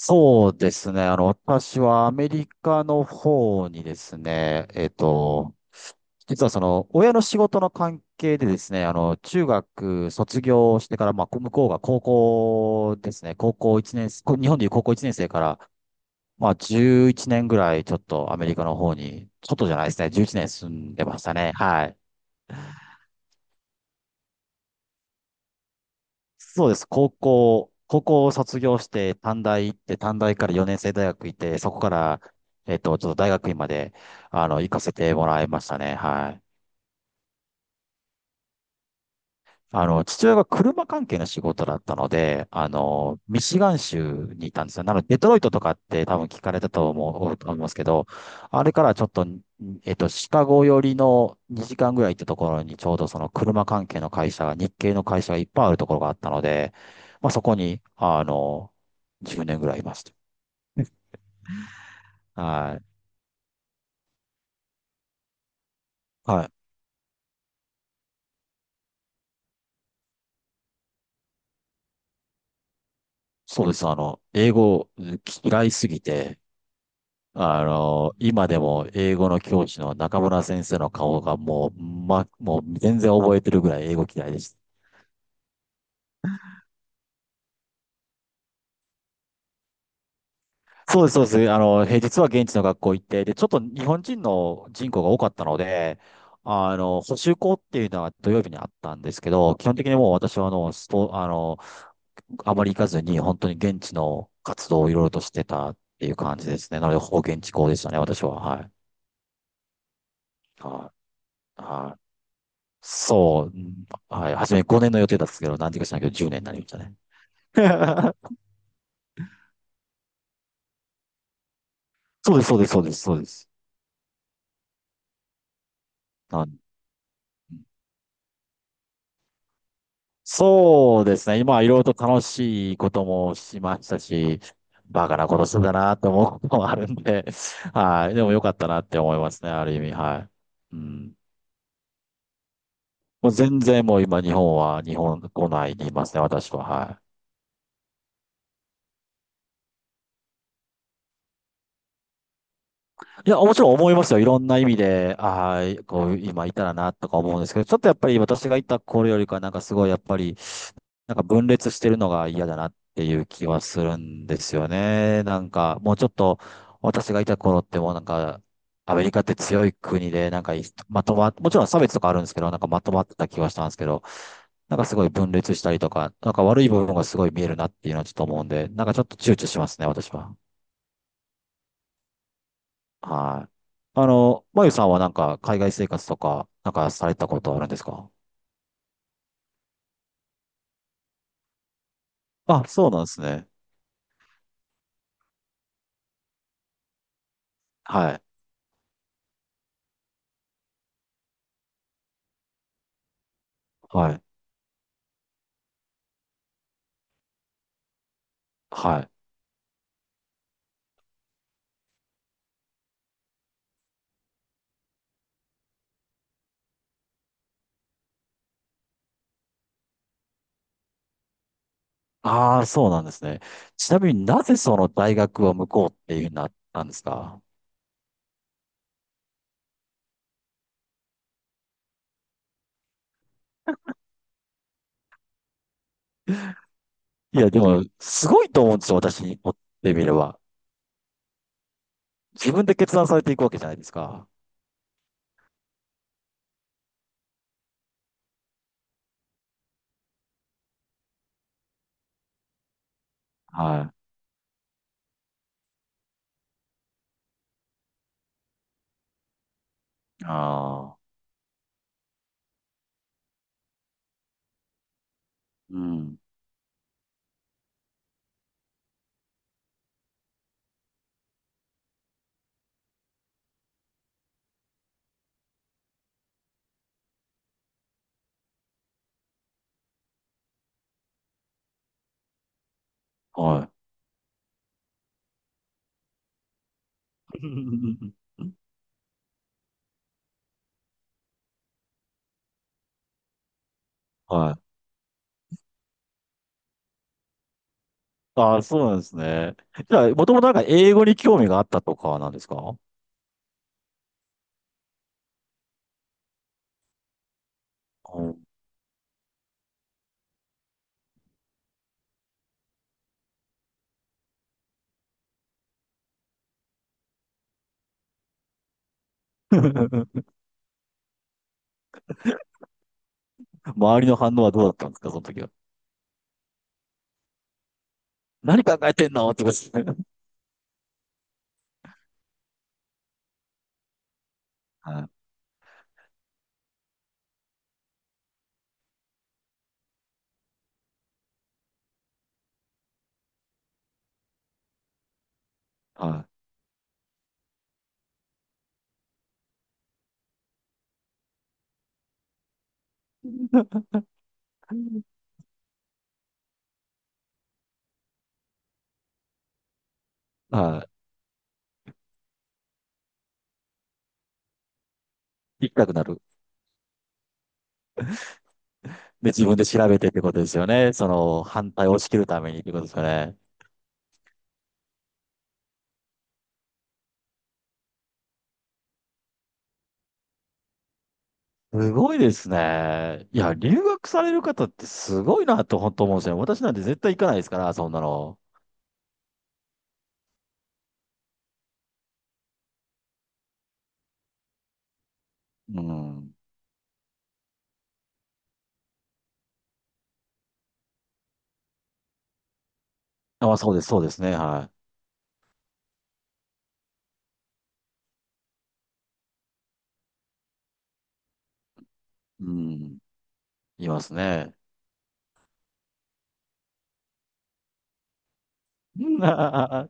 そうですね。私はアメリカの方にですね、実は親の仕事の関係でですね、中学卒業してから、まあ、向こうが高校ですね、高校1年、日本でいう高校1年生から、まあ、11年ぐらいちょっとアメリカの方に、ちょっとじゃないですね、11年住んでましたね。はい。そうです。高校を卒業して、短大行って、短大から4年生大学行って、そこから、ちょっと大学院まで、行かせてもらいましたね。はい。父親が車関係の仕事だったので、ミシガン州にいたんですよ。なので、デトロイトとかって多分聞かれたと思いますけど、あれからちょっと、シカゴ寄りの2時間ぐらい行ったところにちょうどその車関係の会社が、日系の会社がいっぱいあるところがあったので、まあそこに、10年ぐらいいました。はい。はい。そうです。英語嫌いすぎて、今でも英語の教師の中村先生の顔がもう全然覚えてるぐらい英語嫌いでした。そうです、そうです。平日は現地の学校行って、で、ちょっと日本人の人口が多かったので、補習校っていうのは土曜日にあったんですけど、基本的にもう私はあの、スポ、あの、あまり行かずに本当に現地の活動をいろいろとしてたっていう感じですね。なので、ほぼ現地校でしたね、私は。はい。はい。はい、そう。はい。初め5年の予定だったんですけど、何時かしないけど10年になりましたね。そうです、そうです、そうです、そうです。なんそうですね。今、いろいろと楽しいこともしましたし、バカなことしてたなと思うこともあるんで、はい。でも良かったなって思いますね、ある意味、はい。うん。もう全然もう今、日本、来ないでいますね、私は、はい。いや、もちろん思いますよ。いろんな意味で、ああ、こう、今いたらな、とか思うんですけど、ちょっとやっぱり私がいた頃よりか、なんかすごい、やっぱり、なんか分裂してるのが嫌だなっていう気はするんですよね。なんか、もうちょっと、私がいた頃ってもうなんか、アメリカって強い国で、なんかい、まとま、もちろん差別とかあるんですけど、なんかまとまってた気はしたんですけど、なんかすごい分裂したりとか、なんか悪い部分がすごい見えるなっていうのはちょっと思うんで、なんかちょっと躊躇しますね、私は。はい。まゆさんはなんか海外生活とか、なんかされたことあるんですか？あ、そうなんですね。はい。はい。はい。ああ、そうなんですね。ちなみになぜその大学は向こうっていうふうになったんですか？ いや、でも、すごいと思うんですよ、私にとってみれば。自分で決断されていくわけじゃないですか。はい。ああ、うん。はい。はい。ああ、そうなんですね。じゃあ、もともとなんか英語に興味があったとかなんですか？ 周りの反応はどうだったんですか、その時は。何考えてんのってことですね。はい。はい。はい。行きたくなる。で、自分で調べてってことですよね。反対を押し切るためにってことですよね。すごいですね。いや、留学される方ってすごいなと本当思うんですよ。私なんて絶対行かないですから、そんなの。うん。あ、まあそうです、そうですね。はい。うん。いますね。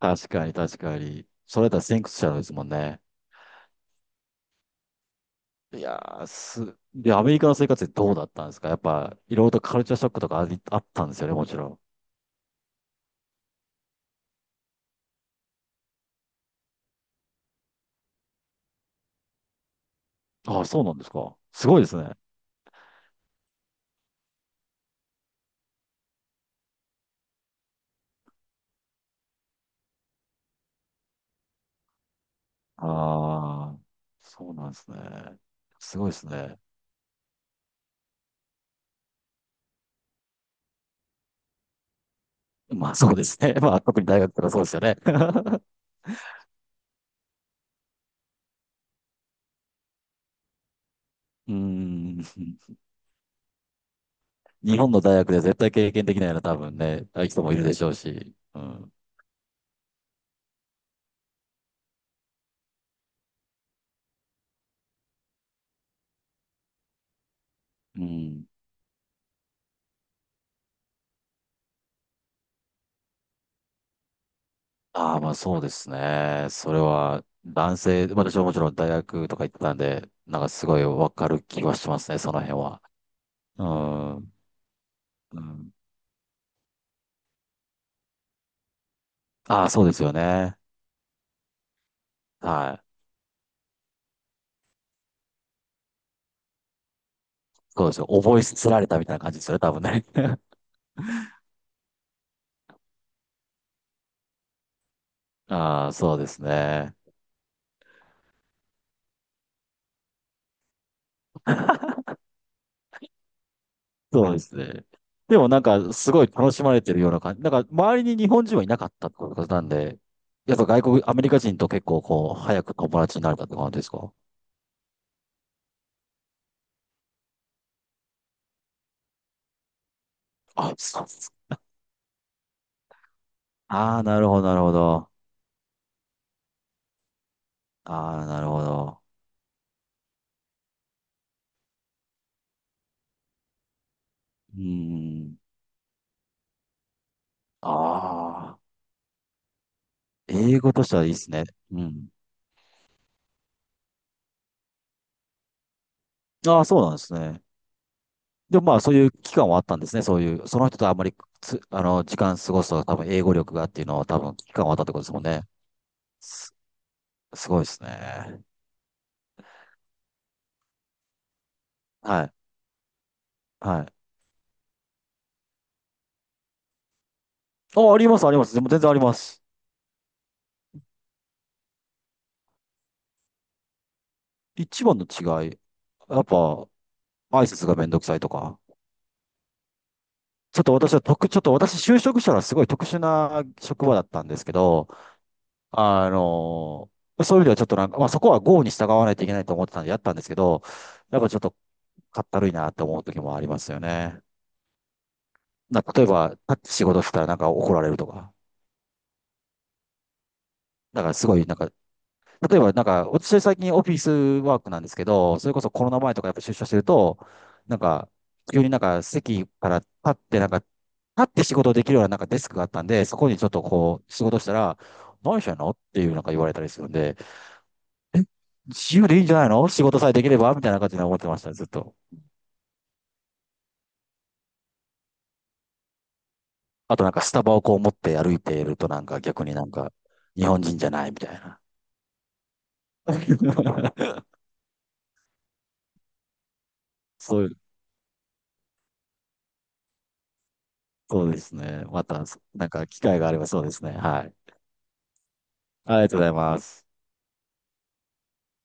確かに、確かに。それだったら先駆者ですもんね。いやー、で、アメリカの生活ってどうだったんですかやっぱ、いろいろとカルチャーショックとかあったんですよね、もちろん。ああ、そうなんですか。すごいですね。ああ、そうなんですね。すごいですね。まあ、そうですね。まあ、特に大学とかそうですよね。うーん。日本の大学で絶対経験できないような多分ね、人もいるでしょうし。うん。うん。ああ、まあそうですね。それは、男性、まあ私はもちろん大学とか行ってたんで、なんかすごいわかる気はしますね、その辺は。うん。うん。ああ、そうですよね。はい。そうですよ。覚えすつられたみたいな感じですよね、多分ね。ああ、そうですね。そうですね。でもなんか、すごい楽しまれてるような感じ。なんか、周りに日本人はいなかったってことなんで、やっぱアメリカ人と結構こう、早く友達になれたって感じですか？あ、そうです。ああ、なるほど、なるほど。ああ、なるほど。うーん。ああ、英語としてはいいですね。うん。ああ、そうなんですね。でもまあそういう期間はあったんですね。そういう、その人とあんまりつ、あの、時間過ごすと多分英語力がっていうのは多分期間はあったってことですもんね。す、すごいですね。はい。はい。あ、あります、あります。でも全然あります。一番の違い。やっぱ、挨拶がめんどくさいとか。ちょっと私就職したらすごい特殊な職場だったんですけど、あのそういう意味ではちょっとなんか、まあそこは郷に従わないといけないと思ってたんでやったんですけど、やっぱちょっとかったるいなって思う時もありますよね。例えば、タッチ仕事したらなんか怒られるとか。だからすごい、なんか、例えばなんか、私最近オフィスワークなんですけど、それこそコロナ前とかやっぱ出社してると、なんか、急になんか席から立って、なんか、立って仕事できるようななんかデスクがあったんで、そこにちょっとこう、仕事したら、何してんのっていうなんか言われたりするんで、え、自由でいいんじゃないの仕事さえできればみたいな感じで思ってました、ずっと。あとなんかスタバをこう持って歩いているとなんか逆になんか、日本人じゃないみたいな。そういうそうですね。また、なんか機会があればそうですね。はい。ありがとうございます。